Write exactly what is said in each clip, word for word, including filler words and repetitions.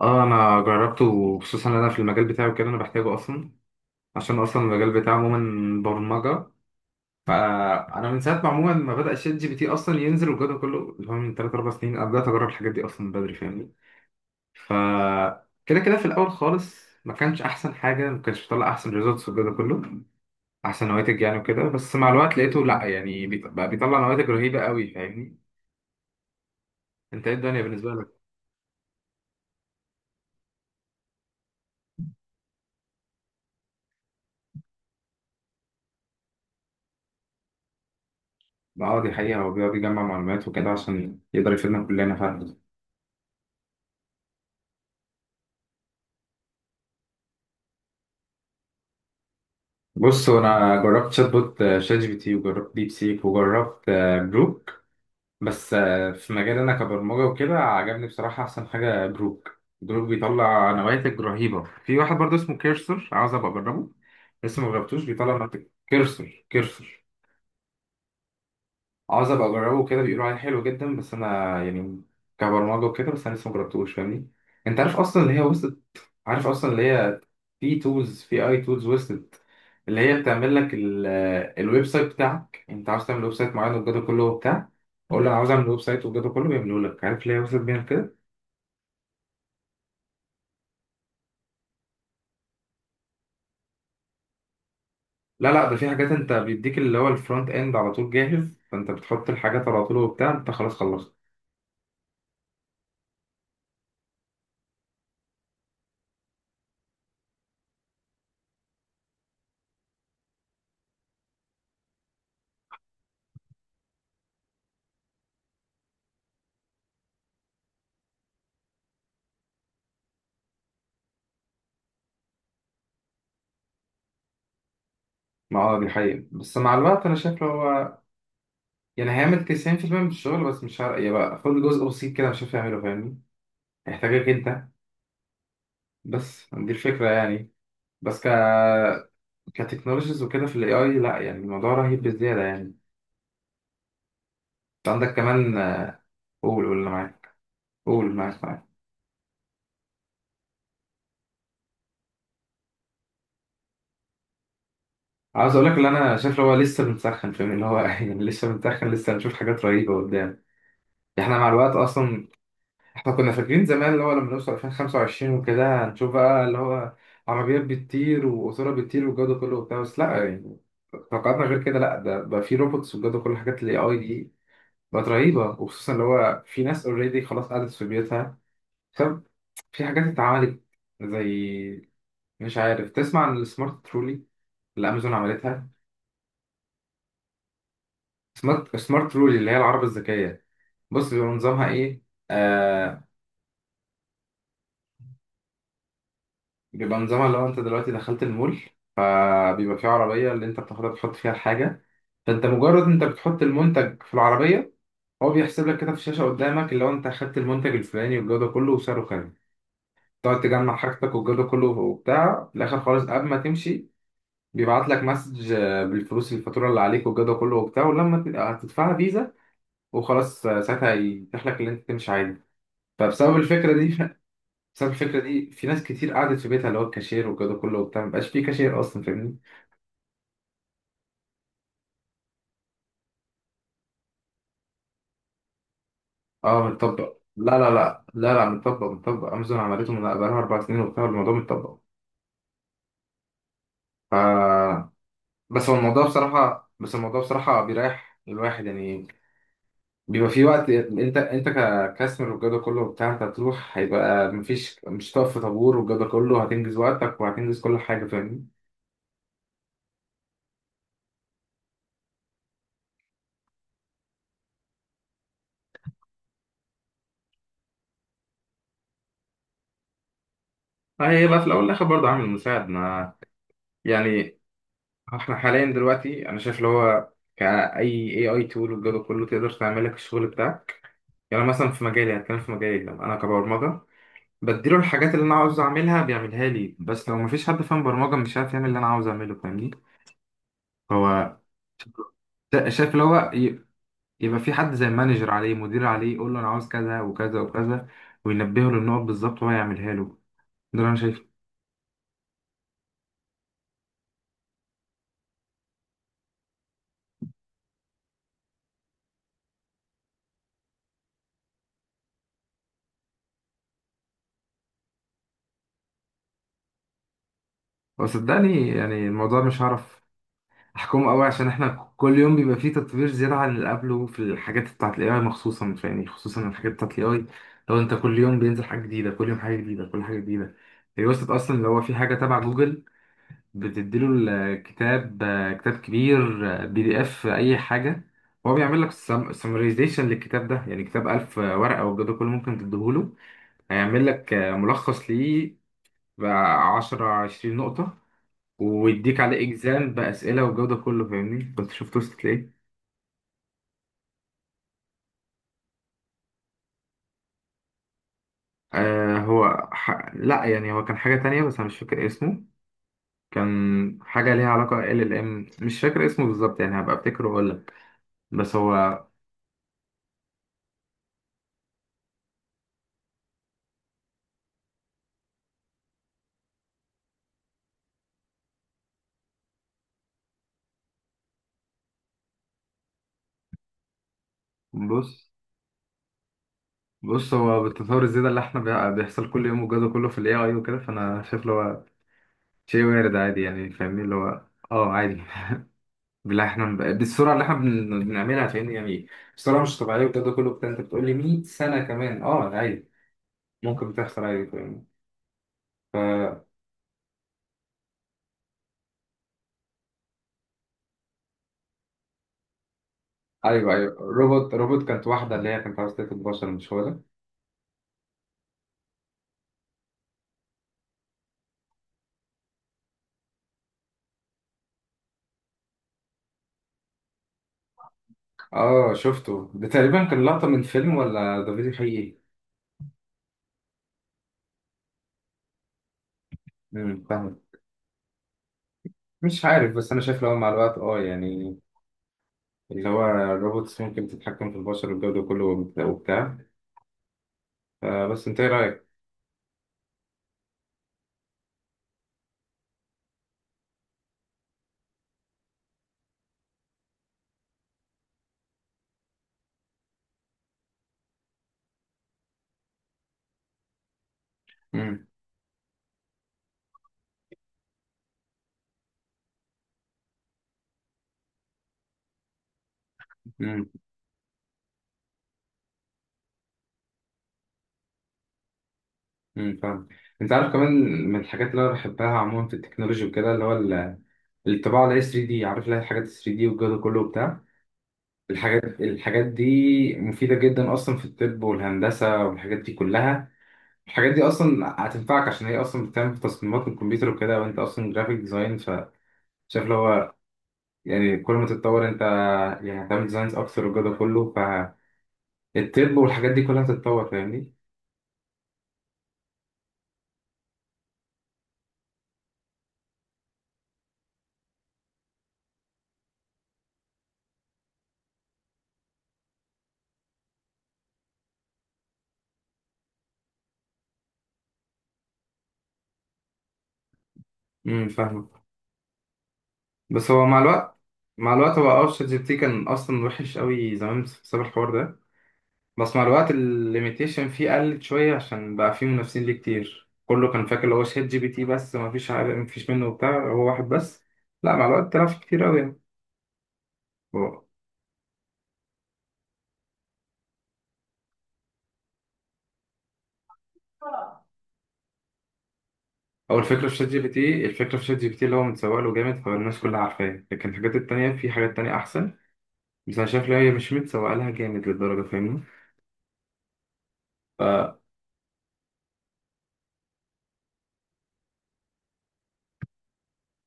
اه، انا جربته، وخصوصا انا في المجال بتاعي وكده انا بحتاجه اصلا. عشان اصلا المجال بتاعي عموما برمجه. فانا من ساعه ما عموما ما بدا شات جي بي تي اصلا ينزل والجو ده كله اللي هو من ثلاثة اربعة سنين، انا بدات اجرب الحاجات دي اصلا من بدري فاهمني. ف كده كده في الاول خالص، ما كانش احسن حاجه، ما كانش بيطلع احسن ريزلتس والجو ده كله، احسن نواتج يعني وكده. بس مع الوقت لقيته، لا يعني، بيط- بقى بيطلع نواتج رهيبه قوي فاهمني. انت ايه الدنيا بالنسبه لك؟ اه، دي حقيقه، هو بيقعد يجمع معلومات وكده عشان يقدر يفيدنا كلنا فعلا. بص، هو انا جربت شات بوت، آه، شات جي بي تي، وجربت ديب سيك، وجربت آه، بروك. بس آه، في مجال انا كبرمجه وكده، عجبني بصراحه احسن حاجه بروك بروك بيطلع نواتج رهيبه. في واحد برضه اسمه كيرسر، عاوز ابقى اجربه. لسه ما جربتوش، بيطلع نواتج. كيرسر كيرسر عاوز ابقى اجربه كده، بيقولوا عليه حلو جدا، بس انا يعني كبرمجه وكده، بس انا لسه ما جربتوش فاهمني. انت عارف اصلا اللي هي وصلت؟ عارف اصلا اللي هي في تولز، في اي تولز وصلت، اللي هي بتعمل لك ال- الويب سايت بتاعك، انت عاوز تعمل ويب سايت معين والجو ده كله وبتاع، قول له انا مم. عاوز اعمل ويب سايت والجو ده كله، بيعمله لك. عارف ليه وصلت بيها كده؟ لا لا، ده في حاجات انت بيديك اللي هو الفرونت اند على طول جاهز، فانت بتحط الحاجات على طول وبتاع، انت خلاص خلصت. ما اه، دي حقيقة، بس مع الوقت انا شايف لو هو، يعني، هيعمل تسعين في المية من الشغل، بس مش عارف يبقى، خد جزء بسيط كده مش عارف يعمله فاهمني. هيحتاجك انت، بس دي الفكرة يعني. بس كتكنولوجيز وكده في الاي اي، لا يعني الموضوع رهيب بزياده يعني. انت عندك كمان آه، قول قول اللي معاك قول اللي معاك معاك عاوز اقول لك اللي انا شايف، اللي هو لسه بنسخن فاهم، اللي هو يعني لسه بنسخن، لسه هنشوف حاجات رهيبه قدام. احنا مع الوقت اصلا، احنا كنا فاكرين زمان اللي هو لما نوصل الفين وخمسة وعشرين وكده هنشوف بقى اللي هو عربيات بتطير وقطوره بتطير والجو ده كله وبتاع، بس لا يعني توقعاتنا غير كده. لا، ده بقى في روبوتس والجو ده كله، حاجات الاي اي دي بقت رهيبه، وخصوصا اللي هو في ناس اوريدي خلاص قعدت في بيوتها. في حاجات اتعملت زي، مش عارف تسمع عن السمارت ترولي اللي امازون عملتها؟ سمارت سمارت ترولي، اللي هي العربة الذكية. بص بيبقى نظامها ايه. آه، بيبقى نظامها لو انت دلوقتي دخلت المول، آه، بيبقى فيه عربية اللي انت بتاخدها، بتحط فيها الحاجة، فانت مجرد انت بتحط المنتج في العربية، هو بيحسب لك كده في الشاشة قدامك اللي هو انت اخدت المنتج الفلاني والجودة كله وسعره كام. تقعد تجمع حاجتك والجودة كله وبتاع، في الآخر خالص قبل ما تمشي بيبعت لك مسج آه، بالفلوس، الفاتوره اللي عليك والجو ده كله وبتاع، ولما ت- هتدفعها فيزا وخلاص، آه، ساعتها يتيح لك اللي انت تمشي عادي. فبسبب الفكره دي بسبب الفكره دي في ناس كتير قعدت في بيتها، اللي هو الكاشير والجو ده كله وبتاع مبقاش في كاشير اصلا فاهمني. اه، متطبق، لا لا لا لا لا، متطبق متطبق، امازون عملته من بقالها اربع سنين وبتاع، الموضوع متطبق. ف بس هو الموضوع بصراحه بس الموضوع بصراحه بيريح الواحد يعني. بيبقى في وقت، انت انت ك- ككاستمر والجو ده كله وبتاع انت هتروح، هيبقى مفيش، مش هتقف في طابور والجو ده كله، هتنجز وقتك وهتنجز كل حاجه فاهمني. هيبقى في الاول والاخر برضه عامل مساعد. ما يعني احنا حاليا دلوقتي انا شايف اللي هو كاي اي اي تول والجو ده كله، تقدر تعمل لك الشغل بتاعك. يعني مثلا في مجالي، هتكلم في مجالي، لما انا كبرمجه بديله الحاجات اللي انا عاوز اعملها بيعملها لي، بس لو مفيش حد فاهم برمجه، مش عارف يعمل اللي انا عاوز اعمله فاهمني. هو شايف اللي هو يبقى في حد زي مانجر عليه، مدير عليه، يقول له انا عاوز كذا وكذا وكذا، وينبهه للنقط بالظبط وهو يعملها له. ده اللي انا شايفه. وصدقني يعني الموضوع مش هعرف احكمه قوي، عشان احنا كل يوم بيبقى فيه تطوير زياده عن اللي قبله في الحاجات بتاعت الاي اي، خصوصا يعني، خصوصا الحاجات بتاعت الاي اي. لو انت كل يوم بينزل حاجه جديده، كل يوم حاجه جديده، كل حاجه جديده. هي وصلت اصلا اللي هو في حاجه تبع جوجل بتديله الكتاب، آه، كتاب كبير، آه، بي دي اف اي حاجه، هو بيعمل لك سمرايزيشن للكتاب ده، يعني كتاب الف ورقه والجو ده كله ممكن تديهوله، هيعمل لك آه، ملخص ليه بقى عشر عشرين نقطه، ويديك عليه اكزام باسئله والجو ده كله فاهمني كنت شفت وصلت لايه. آه، هو ح... لا يعني، هو كان حاجه تانية بس انا مش فاكر اسمه. كان حاجه ليها علاقه ال ال ام، مش فاكر اسمه بالظبط يعني، هبقى افتكره واقول لك. بس هو بص بص هو بالتطور الزيادة اللي احنا، بي- بيحصل كل يوم والجو ده كله في الاي اي وكده، فانا شايف اللي هو شيء وارد عادي يعني فاهمني، اللي هو اه عادي. بالله احنا ب- بالسرعة اللي احنا بن- بنعملها فاهمني يعني، بسرعة مش طبيعية والجو ده كله بتاع. انت بتقول لي ميت سنة كمان، اه عادي ممكن بتحصل عادي فاهمني. ف ايوه ايوه، روبوت روبوت كانت واحدة اللي هي كانت عاوزة تاكل بشر، مش هو ده؟ اه شفته ده، تقريبا كان لقطة من فيلم ولا ده فيديو حقيقي؟ امم فاهم، مش عارف، بس انا شايف اللي هو مع الوقت، اه يعني، اللي هو الروبوتس ممكن تتحكم في البشر والجو ده كله وبت- وبتاع، آه، بس انت ايه رايك؟ امم امم امم فاهم. انت عارف كمان من الحاجات اللي انا بحبها عموما في التكنولوجي وكده اللي هو ال- الطباعه اللي هي تري دي، عارف اللي هي الحاجات ثلاثة دي والجو ده كله وبتاع، الحاجات الحاجات دي مفيده جدا اصلا في الطب والهندسه والحاجات دي كلها. الحاجات دي اصلا هتنفعك عشان هي اصلا بتعمل في تصميمات الكمبيوتر وكده، وانت اصلا جرافيك ديزاين، ف شايف اللي هو يعني كل ما تتطور انت، يعني هتعمل ديزاينز اكتر والجو ده كله، الطب والحاجات دي كلها هتتطور فاهمني. امم فاهمك، بس هو مع الوقت مع الوقت هو اه شات جي بي تي كان اصلا وحش قوي زمان بسبب الحوار ده، بس مع الوقت الليميتيشن فيه قلت شويه عشان بقى فيه منافسين ليه كتير، كله كان فاكر اللي هو شات جي بي تي بس، ما فيش حاجه، ما فيش منه وبتاع، هو واحد بس، لا مع الوقت طلع فيه كتير قوي يعني. هو هو الفكره في شات جي بي تي الفكره في شات جي بي تي اللي هو متسوق له جامد، فالناس كلها عارفاه، لكن الحاجات التانيه في حاجات تانيه احسن. بس انا شايف ان هي مش متسوق لها جامد للدرجه فاهمني.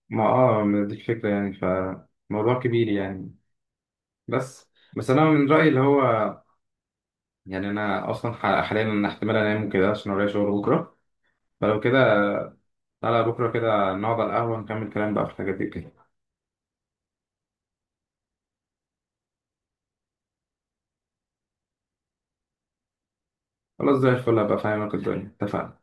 ما اه، ما دي الفكرة يعني، فموضوع كبير يعني. بس بس انا من رأيي اللي هو، يعني انا اصلا ح- حاليا انا احتمال انام وكده عشان ورايا شغل بكرة، فلو كده تعالى بكرة كده نقعد على القهوة نكمل كلام بقى في الحاجات دي كده. خلاص زي الفل، هبقى فاهمك الدنيا. اتفقنا؟